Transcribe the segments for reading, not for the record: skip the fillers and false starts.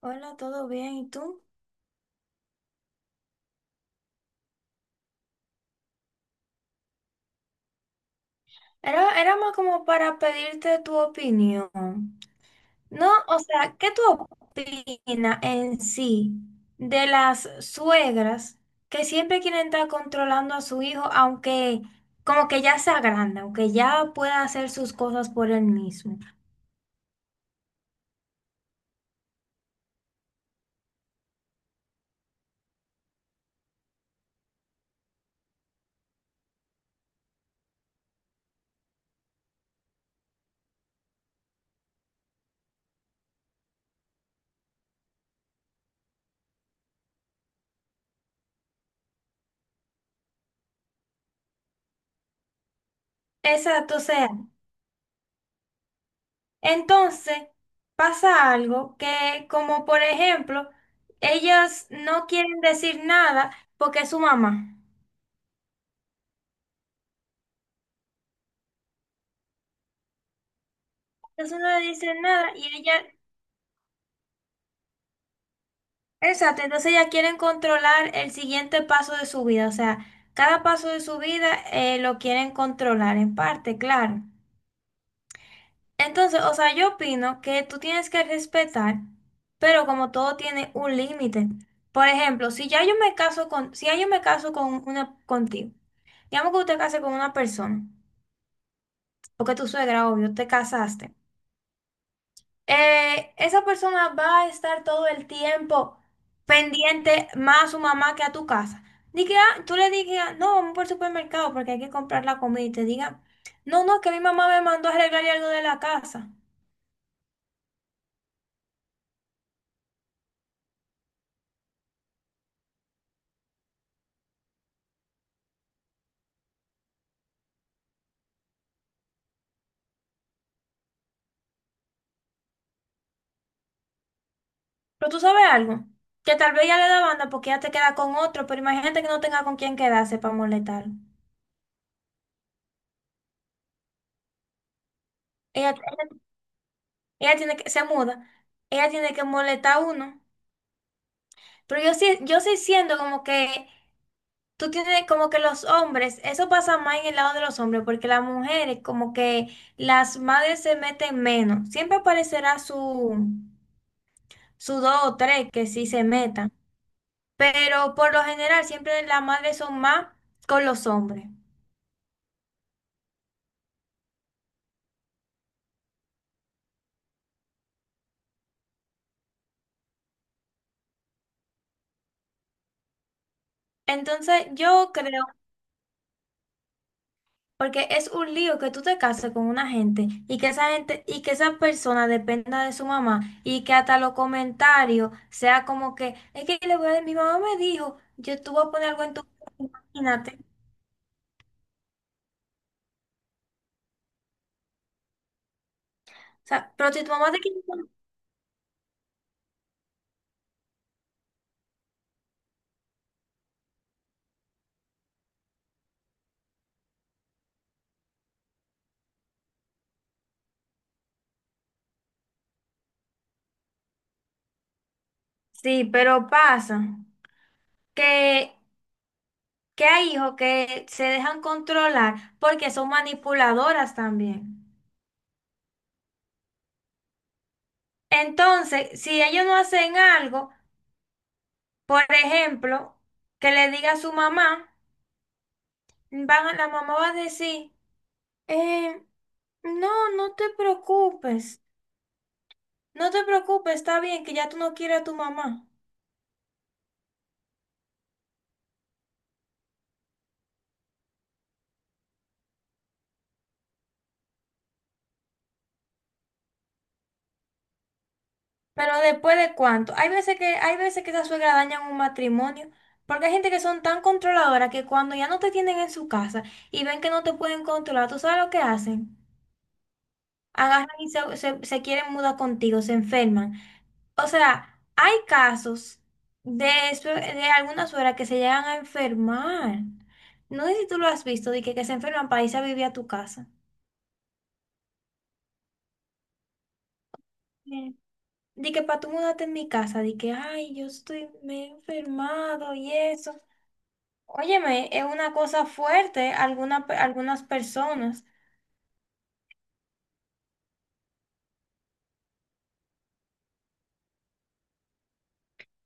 Hola, ¿todo bien? ¿Y tú? Era más como para pedirte tu opinión. No, o sea, ¿qué tú opinas en sí de las suegras que siempre quieren estar controlando a su hijo, aunque como que ya sea grande, aunque ya pueda hacer sus cosas por él mismo? Exacto, o sea, entonces pasa algo que como por ejemplo, ellas no quieren decir nada porque es su mamá. Entonces no le dicen nada y ella, exacto, entonces ella quieren controlar el siguiente paso de su vida, o sea, cada paso de su vida lo quieren controlar en parte, claro. Entonces, o sea, yo opino que tú tienes que respetar, pero como todo tiene un límite. Por ejemplo, si ya yo me caso con, si ya yo me caso con una contigo, digamos que usted case con una persona, porque tu suegra, obvio, te casaste. Esa persona va a estar todo el tiempo pendiente más a su mamá que a tu casa. Di que, ah, tú le digas, no, vamos por el supermercado porque hay que comprar la comida y te diga, no, no, que mi mamá me mandó a arreglar algo de la casa. Pero tú sabes algo, que tal vez ya le da banda porque ya te queda con otro, pero imagínate que no tenga con quién quedarse para molestarlo. Ella, ella, ella tiene que, se muda, ella tiene que molestar a uno. Pero yo sí siento como que tú tienes como que los hombres, eso pasa más en el lado de los hombres, porque las mujeres, como que las madres se meten menos. Siempre aparecerá su, su dos o tres que sí se metan, pero por lo general siempre las madres son más con los hombres. Entonces yo creo porque es un lío que tú te cases con una gente y que esa gente y que esa persona dependa de su mamá y que hasta los comentarios sea como que es que le voy a, mi mamá me dijo, yo te voy a poner algo en tu imagínate. O sea, pero si tu mamá te quiere sí, pero pasa que, que hay hijos que se dejan controlar porque son manipuladoras también. Entonces, si ellos no hacen algo, por ejemplo, que le diga a su mamá van, la mamá va a decir, eh, no, no te preocupes, está bien que ya tú no quieres a tu mamá. Pero después de cuánto, hay veces que esas suegras dañan un matrimonio, porque hay gente que son tan controladoras que cuando ya no te tienen en su casa y ven que no te pueden controlar, ¿tú sabes lo que hacen? Agarran y se quieren mudar contigo, se enferman. O sea, hay casos de, de algunas suegras que se llegan a enfermar. No sé si tú lo has visto, de que se enferman para irse a vivir a tu casa. Sí. De que para tú mudarte en mi casa, de que, ay, yo estoy, me he enfermado y eso. Óyeme, es una cosa fuerte alguna algunas personas,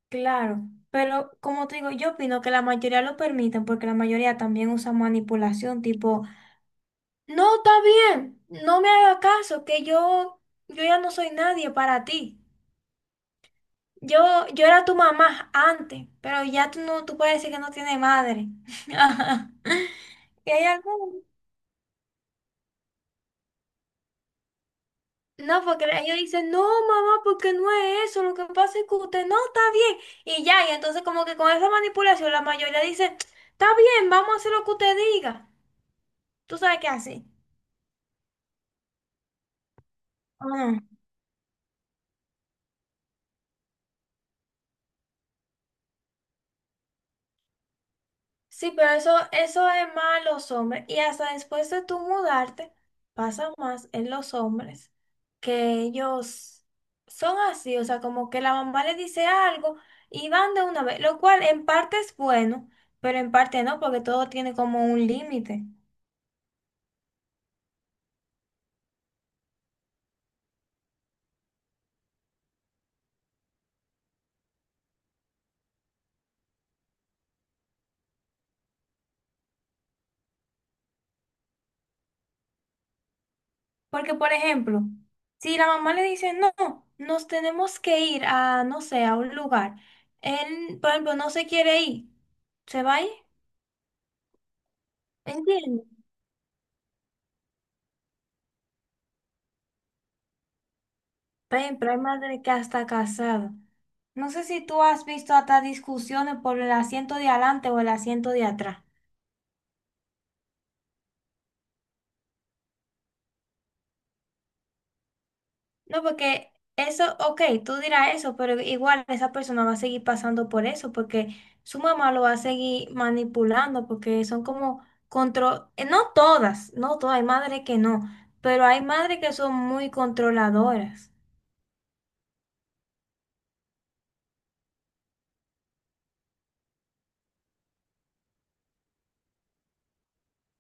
claro. Pero como te digo, yo opino que la mayoría lo permiten porque la mayoría también usa manipulación, tipo, no, está bien. No me hagas caso, que yo ya no soy nadie para ti. Yo, yo era tu mamá antes, pero ya tú no, tú puedes decir que no tiene madre. ¿Y hay algo? No, porque ellos dicen, no, mamá, porque no es eso. Lo que pasa es que usted no está bien. Y ya, y entonces como que con esa manipulación la mayoría dice, está bien, vamos a hacer lo que usted diga. Tú sabes qué hace. Sí, pero eso es más los hombres. Y hasta después de tú mudarte, pasa más en los hombres que ellos son así, o sea, como que la mamá les dice algo y van de una vez, lo cual en parte es bueno, pero en parte no, porque todo tiene como un límite. Porque, por ejemplo, si la mamá le dice, no, nos tenemos que ir a, no sé, a un lugar, él, por ejemplo, no se quiere ir, se va a ir, ¿entiendes? Ven, pero hay madre que hasta casada. No sé si tú has visto hasta discusiones por el asiento de adelante o el asiento de atrás. No, porque eso, ok, tú dirás eso, pero igual esa persona va a seguir pasando por eso, porque su mamá lo va a seguir manipulando, porque son como control, no todas, no todas, hay madres que no, pero hay madres que son muy controladoras.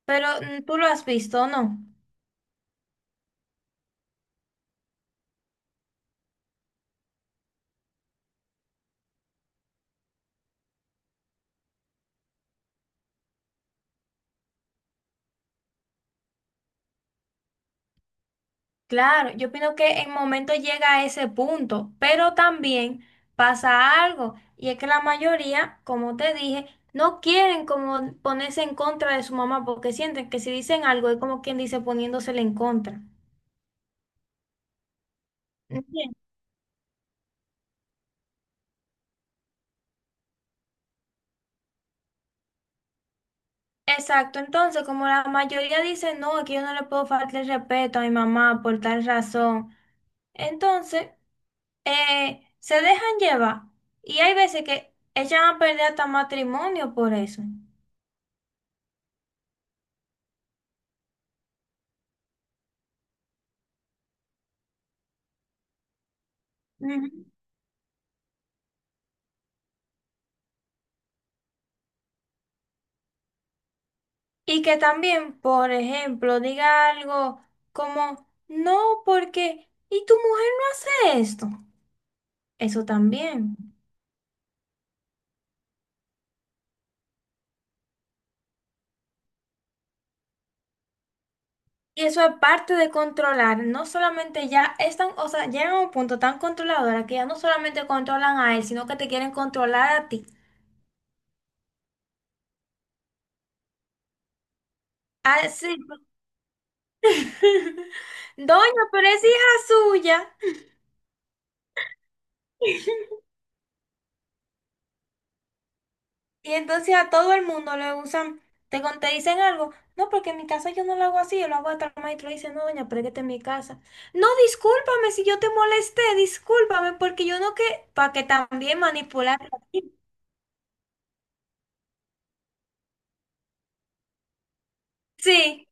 Pero tú lo has visto, ¿no? Claro, yo opino que en momento llega a ese punto, pero también pasa algo, y es que la mayoría, como te dije, no quieren como ponerse en contra de su mamá porque sienten que si dicen algo es como quien dice poniéndosele en contra. ¿Entiendes? Exacto, entonces como la mayoría dice, no, es que yo no le puedo faltar el respeto a mi mamá por tal razón, entonces se dejan llevar, y hay veces que echan a perder hasta matrimonio por eso. Ujú. Y que también, por ejemplo, diga algo como, no, porque, ¿y tu mujer no hace esto? Eso también. Y eso es parte de controlar, no solamente ya están, o sea, llegan a un punto tan controladora que ya no solamente controlan a él, sino que te quieren controlar a ti. Ah, sí. Doña, pero es hija suya. Y entonces a todo el mundo le usan, te, te dicen algo, no, porque en mi casa yo no lo hago así, yo lo hago hasta el maestro dice, no, doña, pero es que esta es mi casa. No, discúlpame si yo te molesté, discúlpame, porque yo no que, para que también manipular. Sí,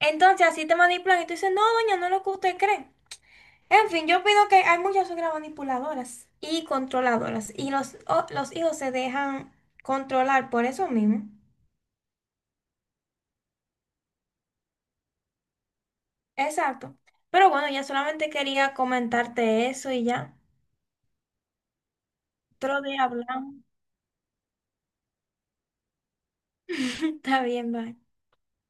entonces así te manipulan y tú dices, no, doña, no es lo que usted cree. En fin, yo opino que hay muchas suegras manipuladoras y controladoras, y los, los hijos se dejan controlar por eso mismo. Exacto. Pero bueno, ya solamente quería comentarte eso y ya. Otro día hablamos. Está bien, bye.